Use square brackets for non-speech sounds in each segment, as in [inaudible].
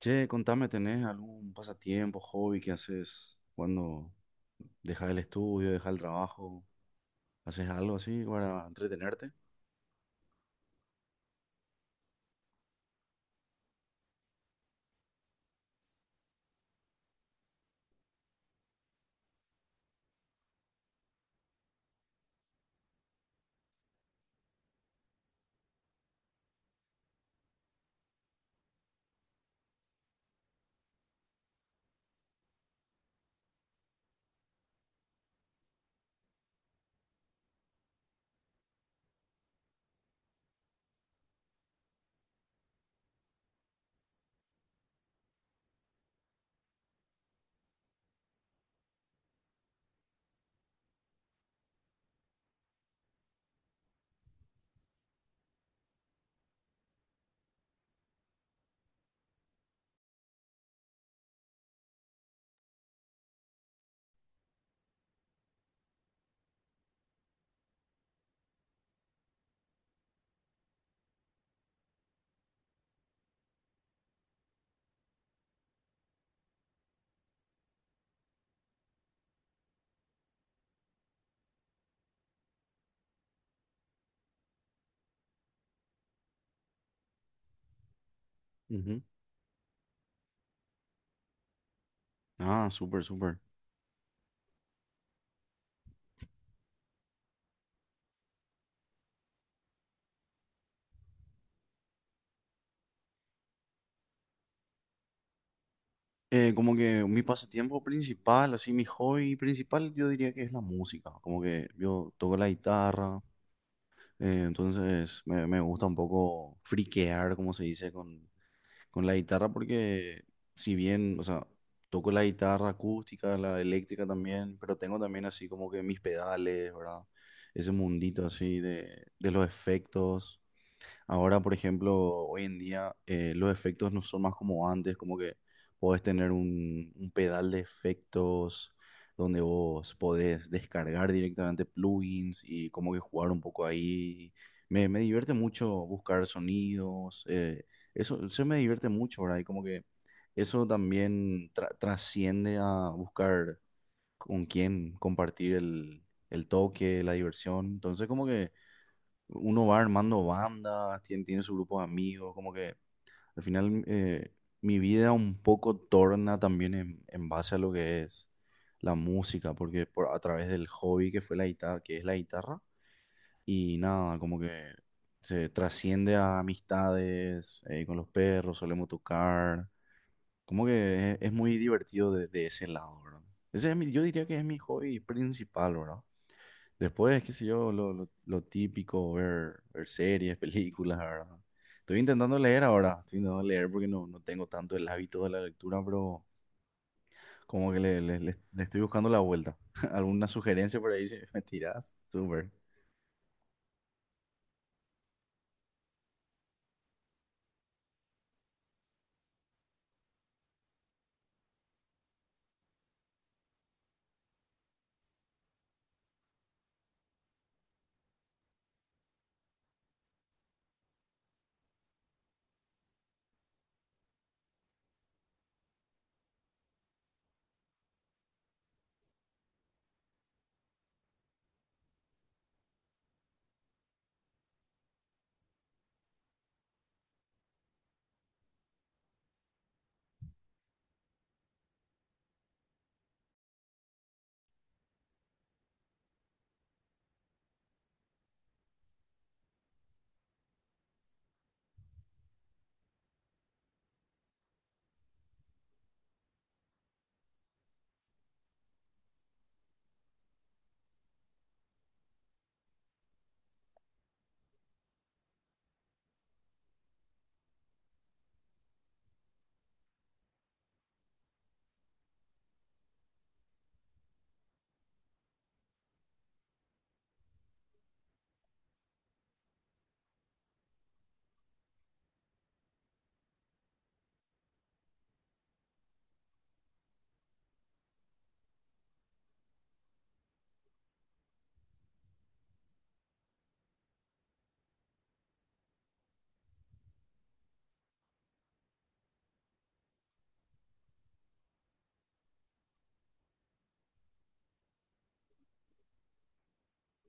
Che, contame, ¿tenés algún pasatiempo, hobby que haces cuando dejas el estudio, dejas el trabajo? ¿Haces algo así para entretenerte? Ujú. Ah, súper, súper. Como que mi pasatiempo principal, así mi hobby principal, yo diría que es la música. Como que yo toco la guitarra, entonces me gusta un poco friquear, como se dice, con la guitarra porque si bien, o sea, toco la guitarra acústica, la eléctrica también, pero tengo también así como que mis pedales, ¿verdad? Ese mundito así de los efectos. Ahora, por ejemplo, hoy en día los efectos no son más como antes, como que podés tener un pedal de efectos donde vos podés descargar directamente plugins y como que jugar un poco ahí. Me divierte mucho buscar sonidos, eso me divierte mucho, ¿verdad? Y como que eso también trasciende a buscar con quién compartir el toque, la diversión. Entonces, como que uno va armando bandas, tiene su grupo de amigos, como que al final mi vida un poco torna también en base a lo que es la música, porque por, a través del hobby que fue la guitarra, que es la guitarra, y nada, como que se trasciende a amistades, con los perros solemos tocar, como que es muy divertido de ese lado, ¿verdad? Ese es yo diría que es mi hobby principal, ¿verdad? Después, qué sé yo, lo típico, ver series, [laughs] películas, ¿verdad? Estoy intentando leer ahora, estoy intentando leer porque no tengo tanto el hábito de la lectura, pero como que le estoy buscando la vuelta. [laughs] ¿Alguna sugerencia por ahí [laughs] si me tirás? Súper.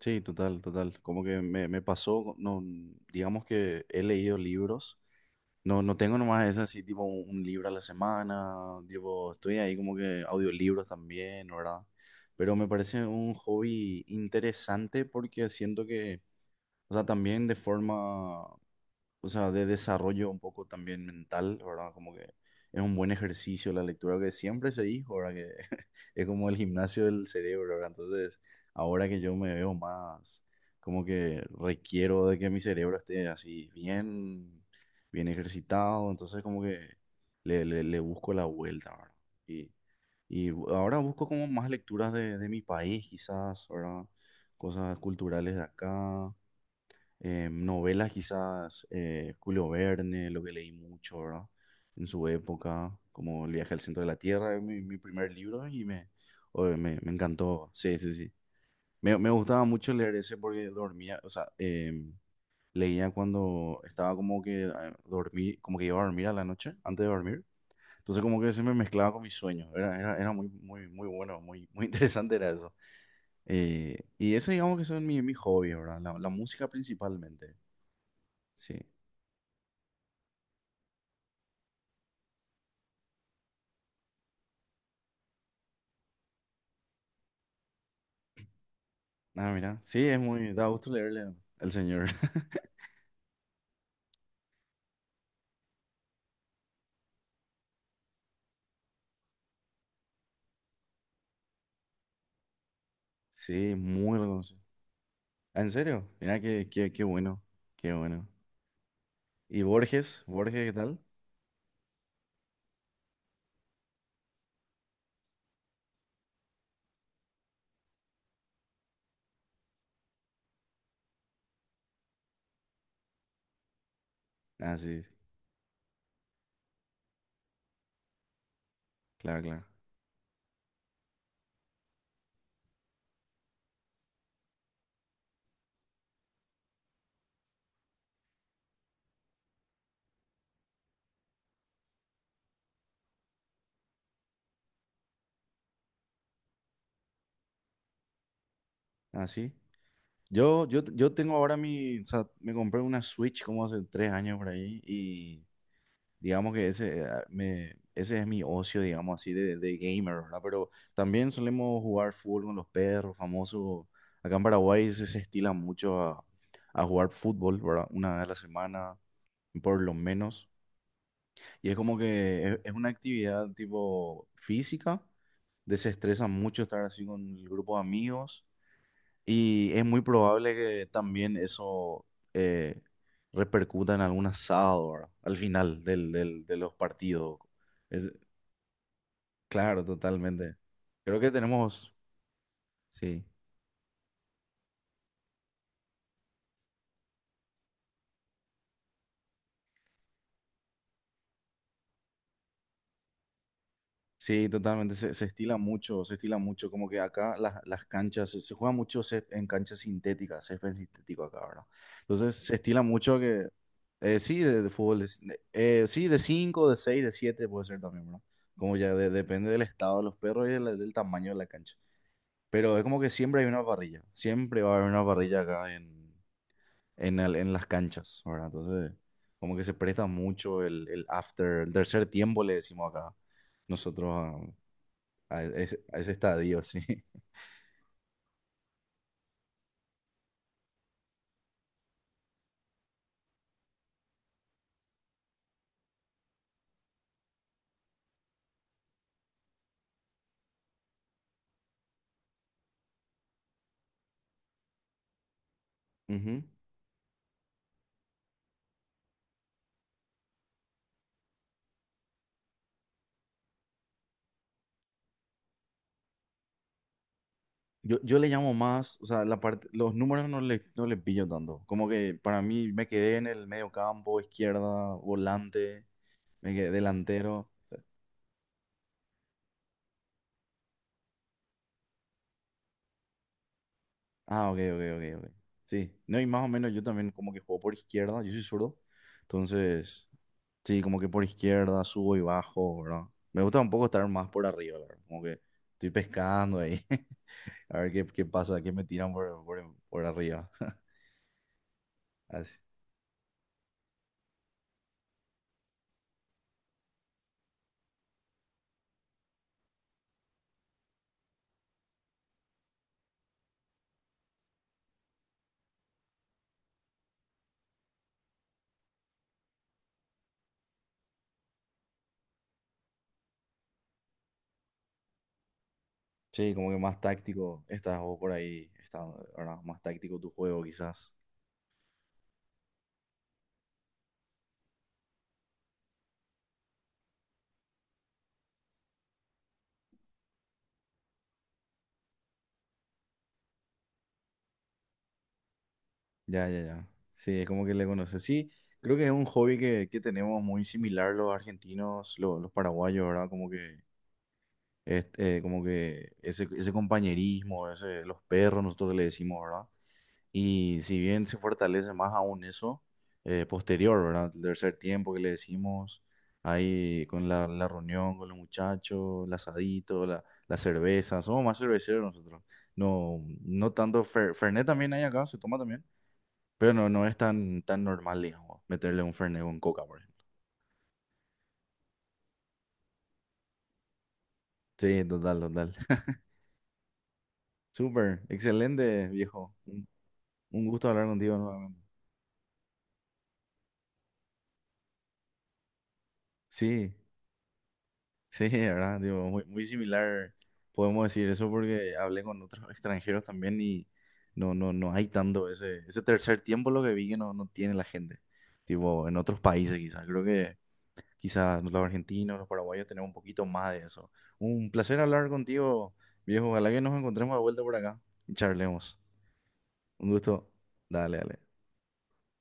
Sí, total, total. Como que me pasó, no, digamos que he leído libros. No, no tengo nomás esa así, tipo un libro a la semana, tipo, estoy ahí como que audiolibros también, ¿no, ¿verdad? Pero me parece un hobby interesante porque siento que, o sea, también de forma, o sea, de desarrollo un poco también mental, ¿verdad? Como que es un buen ejercicio la lectura que siempre se dijo, ¿verdad? Que [laughs] es como el gimnasio del cerebro, ¿verdad? Entonces, ahora que yo me veo más, como que requiero de que mi cerebro esté así bien, bien ejercitado, entonces como que le busco la vuelta, ¿verdad? Y, y ahora busco como más lecturas de mi país, quizás, ¿verdad? Cosas culturales de acá, novelas quizás, Julio Verne, lo que leí mucho, ¿verdad? En su época, como El viaje al centro de la Tierra, es mi, mi primer libro y me, oye, me encantó, sí, sí, sí. Me gustaba mucho leer ese porque dormía, o sea, leía cuando estaba como que dormí, como que iba a dormir a la noche, antes de dormir. Entonces como que se me mezclaba con mis sueños, era muy, muy, muy bueno, muy, muy [laughs] interesante era eso. Y ese digamos que son mi, mi hobby, ¿verdad? La música principalmente, sí. Ah, mira. Sí, es muy. Da gusto leerle al señor. [laughs] Sí, muy reconocido. Ah, ¿en serio? Mira, qué, qué, qué bueno. Qué bueno. ¿Y Borges? ¿Borges qué tal? Ah, sí. Claro, claro. Ah, sí. Yo tengo ahora mi. O sea, me compré una Switch como hace 3 años por ahí. Digamos que ese, ese es mi ocio, digamos así, de gamer, ¿verdad? Pero también solemos jugar fútbol con los perros, famoso. Acá en Paraguay se estila mucho a jugar fútbol, ¿verdad? Una vez a la semana, por lo menos. Y es como que es una actividad tipo física, desestresa mucho estar así con el grupo de amigos y es muy probable que también eso eh, repercuta en algún asado, ¿verdad? Al final de los partidos. Es- claro, totalmente. Creo que tenemos, sí, sí, totalmente, se estila mucho, como que acá las canchas, se juega mucho césped en canchas sintéticas, césped sintético acá, ¿verdad? Entonces se estila mucho que, sí, de fútbol, sí, de 5, de 6, de 7 puede ser también, ¿verdad? Como ya depende del estado de los perros y de del, tamaño de la cancha. Pero es como que siempre hay una parrilla, siempre va a haber una parrilla acá en, en las canchas, ¿verdad? Entonces, como que se presta mucho el after, el tercer tiempo le decimos acá, nosotros a ese estadio, [laughs] sí. Ujú. Yo le llamo más, o sea, la parte, los números no le pillo tanto. Como que para mí me quedé en el medio campo, izquierda, volante, me quedé delantero. Ah, ok, ok, ok, ok. Sí, no, y más o menos yo también como que juego por izquierda, yo soy zurdo. Entonces, sí, como que por izquierda subo y bajo, ¿verdad? Me gusta un poco estar más por arriba, la ¿verdad? Como que estoy pescando ahí, [laughs] a ver qué, qué pasa, qué me tiran por arriba. [laughs] Sí, como que más táctico estás o por ahí, está, ¿verdad? Más táctico tu juego quizás. Ya, ya, ya. Sí, es como que le conoces. Sí, creo que es un hobby que tenemos muy similar los argentinos, los paraguayos, ¿verdad? Como que, este, como que ese compañerismo, ese, los perros, nosotros le decimos, ¿verdad? Y si bien se fortalece más aún eso, posterior, ¿verdad? El tercer tiempo que le decimos, ahí con la, la reunión con los muchachos, el asadito, la cerveza, somos más cerveceros nosotros. No, no tanto, Fernet también hay acá, se toma también, pero no, no es tan, tan normal, digamos, meterle un Fernet con Coca, por ejemplo. Sí, total, total. [laughs] Súper, excelente, viejo. Un gusto hablar contigo nuevamente. Sí. Sí, ¿verdad? Digo, muy, muy similar, podemos decir eso porque hablé con otros extranjeros también y no, no, no hay tanto ese, ese tercer tiempo lo que vi que no, no tiene la gente. Tipo, en otros países quizás. Creo que quizás los argentinos, los paraguayos tenemos un poquito más de eso. Un placer hablar contigo, viejo. Ojalá que nos encontremos de vuelta por acá y charlemos. Un gusto. Dale, dale.